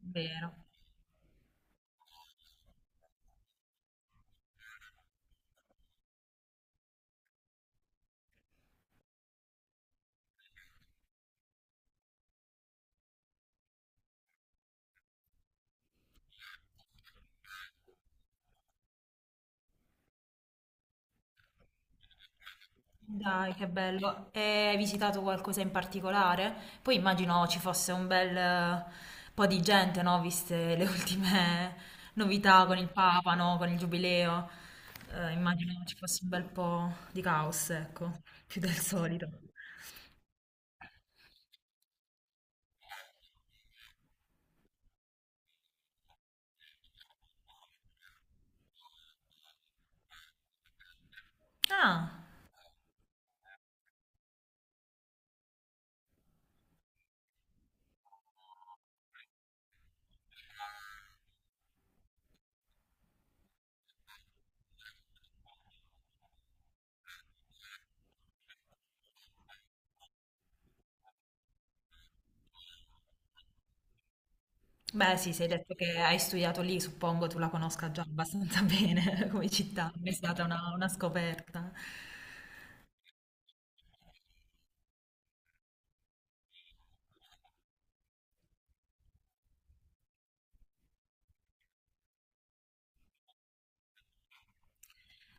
Vero. Dai, che bello. E hai visitato qualcosa in particolare? Poi immagino ci fosse un bel po' di gente, no? Viste le ultime novità con il Papa, no? Con il Giubileo. Immagino ci fosse un bel po' di caos, ecco, più del solito. Ah, beh, sì, sei detto che hai studiato lì, suppongo tu la conosca già abbastanza bene come città, non è stata una scoperta.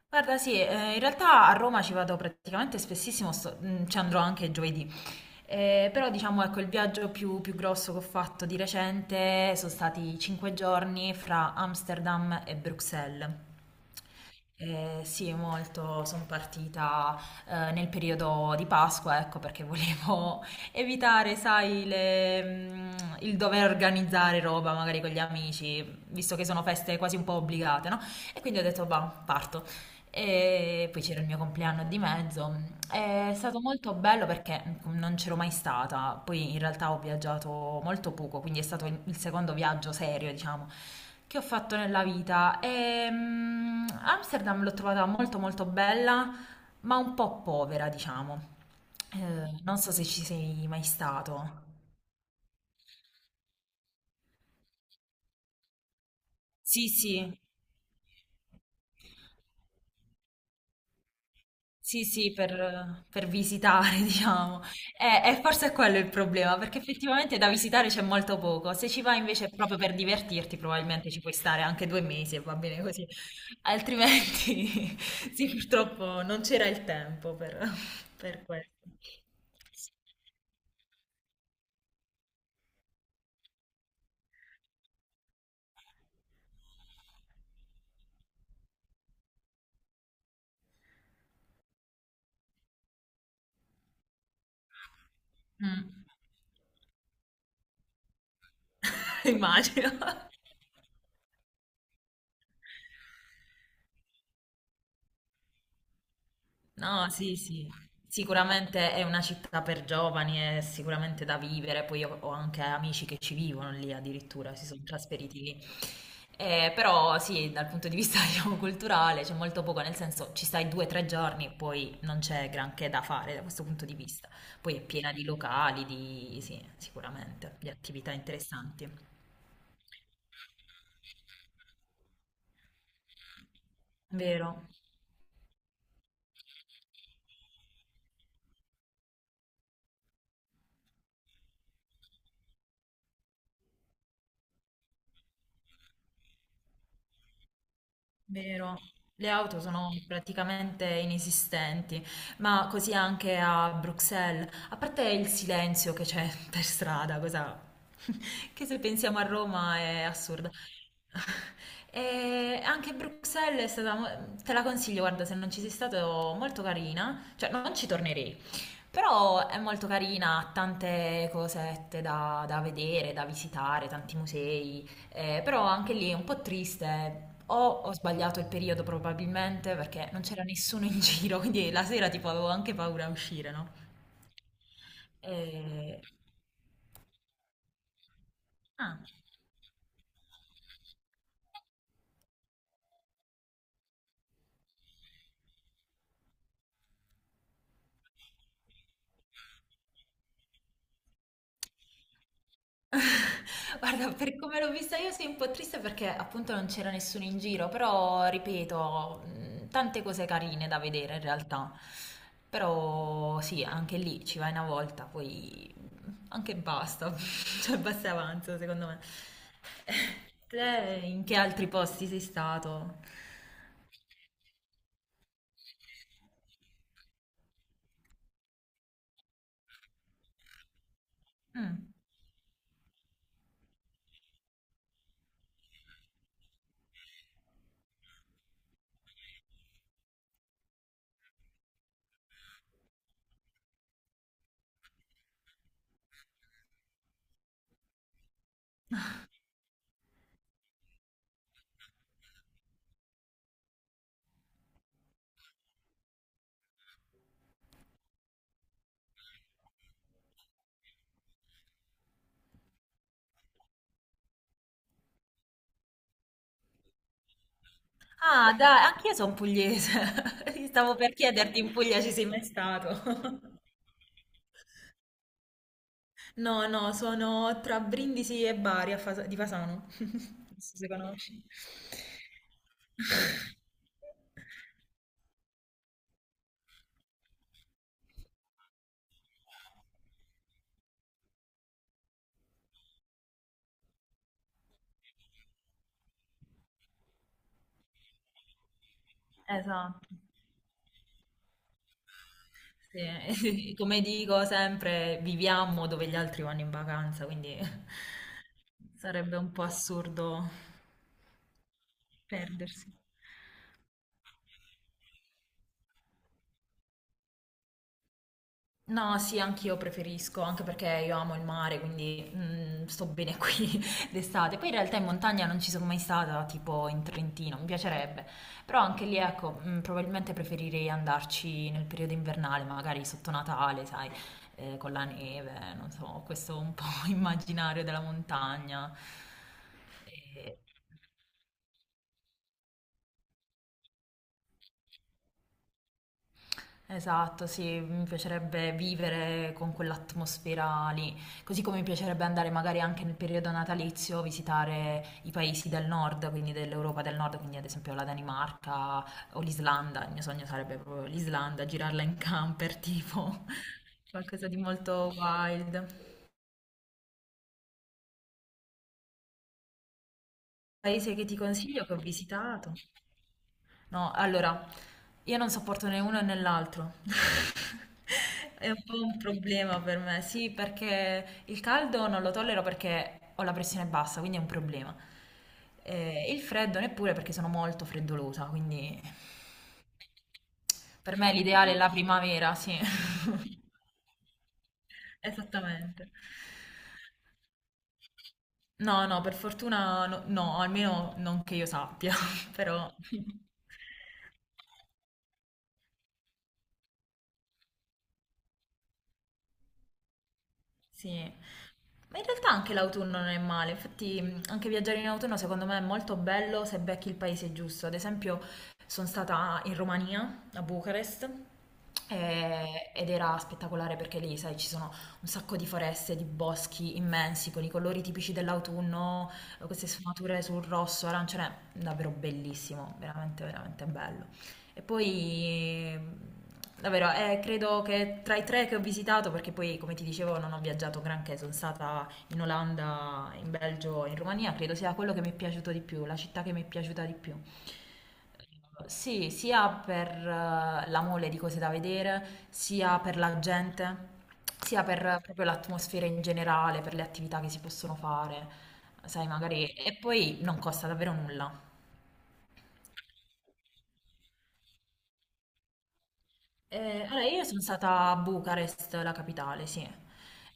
Guarda, sì, in realtà a Roma ci vado praticamente spessissimo, ci andrò anche giovedì. Però diciamo ecco il viaggio più grosso che ho fatto di recente sono stati 5 giorni fra Amsterdam e Bruxelles. Sì, molto, sono partita nel periodo di Pasqua, ecco perché volevo evitare, sai, il dover organizzare roba magari con gli amici, visto che sono feste quasi un po' obbligate, no? E quindi ho detto, va, parto. E poi c'era il mio compleanno di mezzo. È stato molto bello perché non c'ero mai stata. Poi in realtà ho viaggiato molto poco, quindi è stato il secondo viaggio serio, diciamo, che ho fatto nella vita. Amsterdam l'ho trovata molto molto bella, ma un po' povera, diciamo. Non so se ci sei mai stato. Sì, sì. Sì, sì, per visitare, diciamo. E forse è quello il problema, perché effettivamente da visitare c'è molto poco. Se ci vai invece proprio per divertirti, probabilmente ci puoi stare anche 2 mesi e va bene così. Altrimenti, sì, purtroppo non c'era il tempo per questo. Mm, immagino. No, sì, sì, sicuramente è una città per giovani, è sicuramente da vivere, poi io ho anche amici che ci vivono lì addirittura, si sono trasferiti lì. Però sì, dal punto di vista diciamo, culturale c'è molto poco, nel senso ci stai due o tre giorni e poi non c'è granché da fare da questo punto di vista. Poi è piena di locali, sì, sicuramente, di attività interessanti. Vero? Vero, le auto sono praticamente inesistenti, ma così anche a Bruxelles, a parte il silenzio che c'è per strada, cosa che se pensiamo a Roma è assurda. E anche Bruxelles è stata, te la consiglio, guarda, se non ci sei stato, molto carina, cioè non ci tornerei, però è molto carina, ha tante cosette da vedere, da visitare, tanti musei, però anche lì è un po' triste. O ho sbagliato il periodo probabilmente perché non c'era nessuno in giro, quindi la sera tipo avevo anche paura a uscire, no? Eh, ah. Guarda, per come l'ho vista io sei un po' triste perché appunto non c'era nessuno in giro, però ripeto, tante cose carine da vedere in realtà. Però sì, anche lì ci vai una volta, poi anche basta, cioè basta e avanza secondo me. Te in che altri posti sei stato? Mm. Ah, dai, anch'io sono pugliese. Ti stavo per chiederti in Puglia ci sei mai stato. No, no, sono tra Brindisi e Bari a di Fasano. Non so se conosci. Esatto. Sì, come dico sempre, viviamo dove gli altri vanno in vacanza, quindi sarebbe un po' assurdo perdersi. No, sì, anch'io preferisco, anche perché io amo il mare, quindi mm, sto bene qui d'estate. Poi in realtà in montagna non ci sono mai stata, tipo in Trentino, mi piacerebbe. Però anche lì, ecco, mm, probabilmente preferirei andarci nel periodo invernale, magari sotto Natale, sai, con la neve, non so, questo un po' immaginario della montagna. Eh, Esatto, sì, mi piacerebbe vivere con quell'atmosfera lì, così come mi piacerebbe andare magari anche nel periodo natalizio a visitare i paesi del nord, quindi dell'Europa del nord, quindi ad esempio la Danimarca o l'Islanda, il mio sogno sarebbe proprio l'Islanda, girarla in camper, tipo qualcosa di molto wild. Paese che ti consiglio, che ho visitato. No, allora, io non sopporto né uno né l'altro. È un po' un problema per me, sì, perché il caldo non lo tollero perché ho la pressione bassa, quindi è un problema. Il freddo neppure perché sono molto freddolosa, quindi per me l'ideale è la primavera, sì. Esattamente. No, no, per fortuna no, no, almeno non che io sappia, però... Sì, ma in realtà anche l'autunno non è male, infatti anche viaggiare in autunno secondo me è molto bello se becchi il paese giusto. Ad esempio sono stata in Romania, a Bucarest, ed era spettacolare perché lì, sai, ci sono un sacco di foreste, di boschi immensi con i colori tipici dell'autunno, queste sfumature sul rosso, arancione, davvero bellissimo, veramente, veramente bello. E poi, davvero, credo che tra i tre che ho visitato, perché poi, come ti dicevo, non ho viaggiato granché, sono stata in Olanda, in Belgio, e in Romania, credo sia quello che mi è piaciuto di più, la città che mi è piaciuta di più. Sì, sia per la mole di cose da vedere, sia per la gente, sia per proprio l'atmosfera in generale, per le attività che si possono fare, sai, magari... E poi non costa davvero nulla. Allora, io sono stata a Bucarest, la capitale, sì.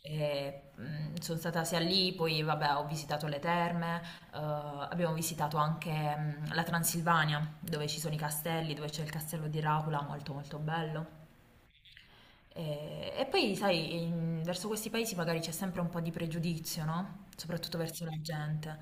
Sono stata sia lì, poi vabbè, ho visitato le terme, abbiamo visitato anche mm, la Transilvania, dove ci sono i castelli, dove c'è il castello di Dracula, molto molto bello. E poi, sai, in- verso questi paesi magari c'è sempre un po' di pregiudizio, no? Soprattutto verso la gente.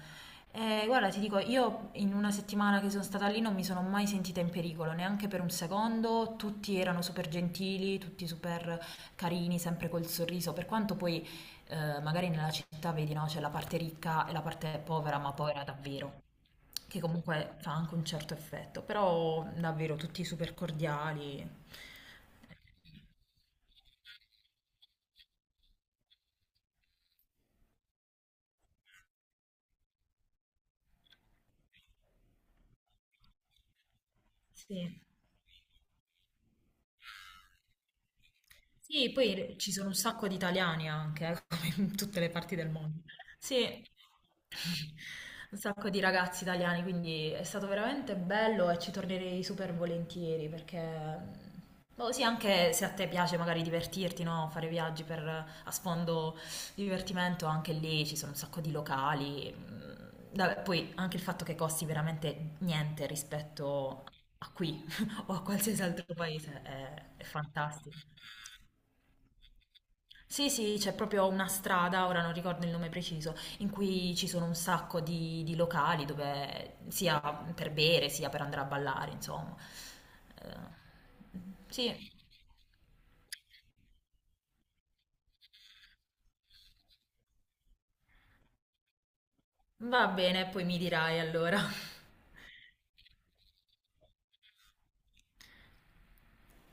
E guarda, ti dico, io in 1 settimana che sono stata lì non mi sono mai sentita in pericolo, neanche per un secondo. Tutti erano super gentili, tutti super carini, sempre col sorriso. Per quanto poi, magari nella città vedi, no? C'è la parte ricca e la parte povera, ma povera davvero. Che comunque fa anche un certo effetto, però davvero tutti super cordiali. Sì. Sì, poi ci sono un sacco di italiani anche, come in tutte le parti del mondo. Sì, un sacco di ragazzi italiani, quindi è stato veramente bello e ci tornerei super volentieri perché, boh, sì, anche se a te piace magari divertirti, no? Fare viaggi per, a sfondo divertimento, anche lì ci sono un sacco di locali. Mm, vabbè, poi anche il fatto che costi veramente niente rispetto a qui o a qualsiasi altro paese è fantastico. Sì, sì, c'è proprio una strada, ora non ricordo il nome preciso, in cui ci sono un sacco di locali dove sia per bere sia per andare a ballare, insomma. Eh, sì, va bene, poi mi dirai allora.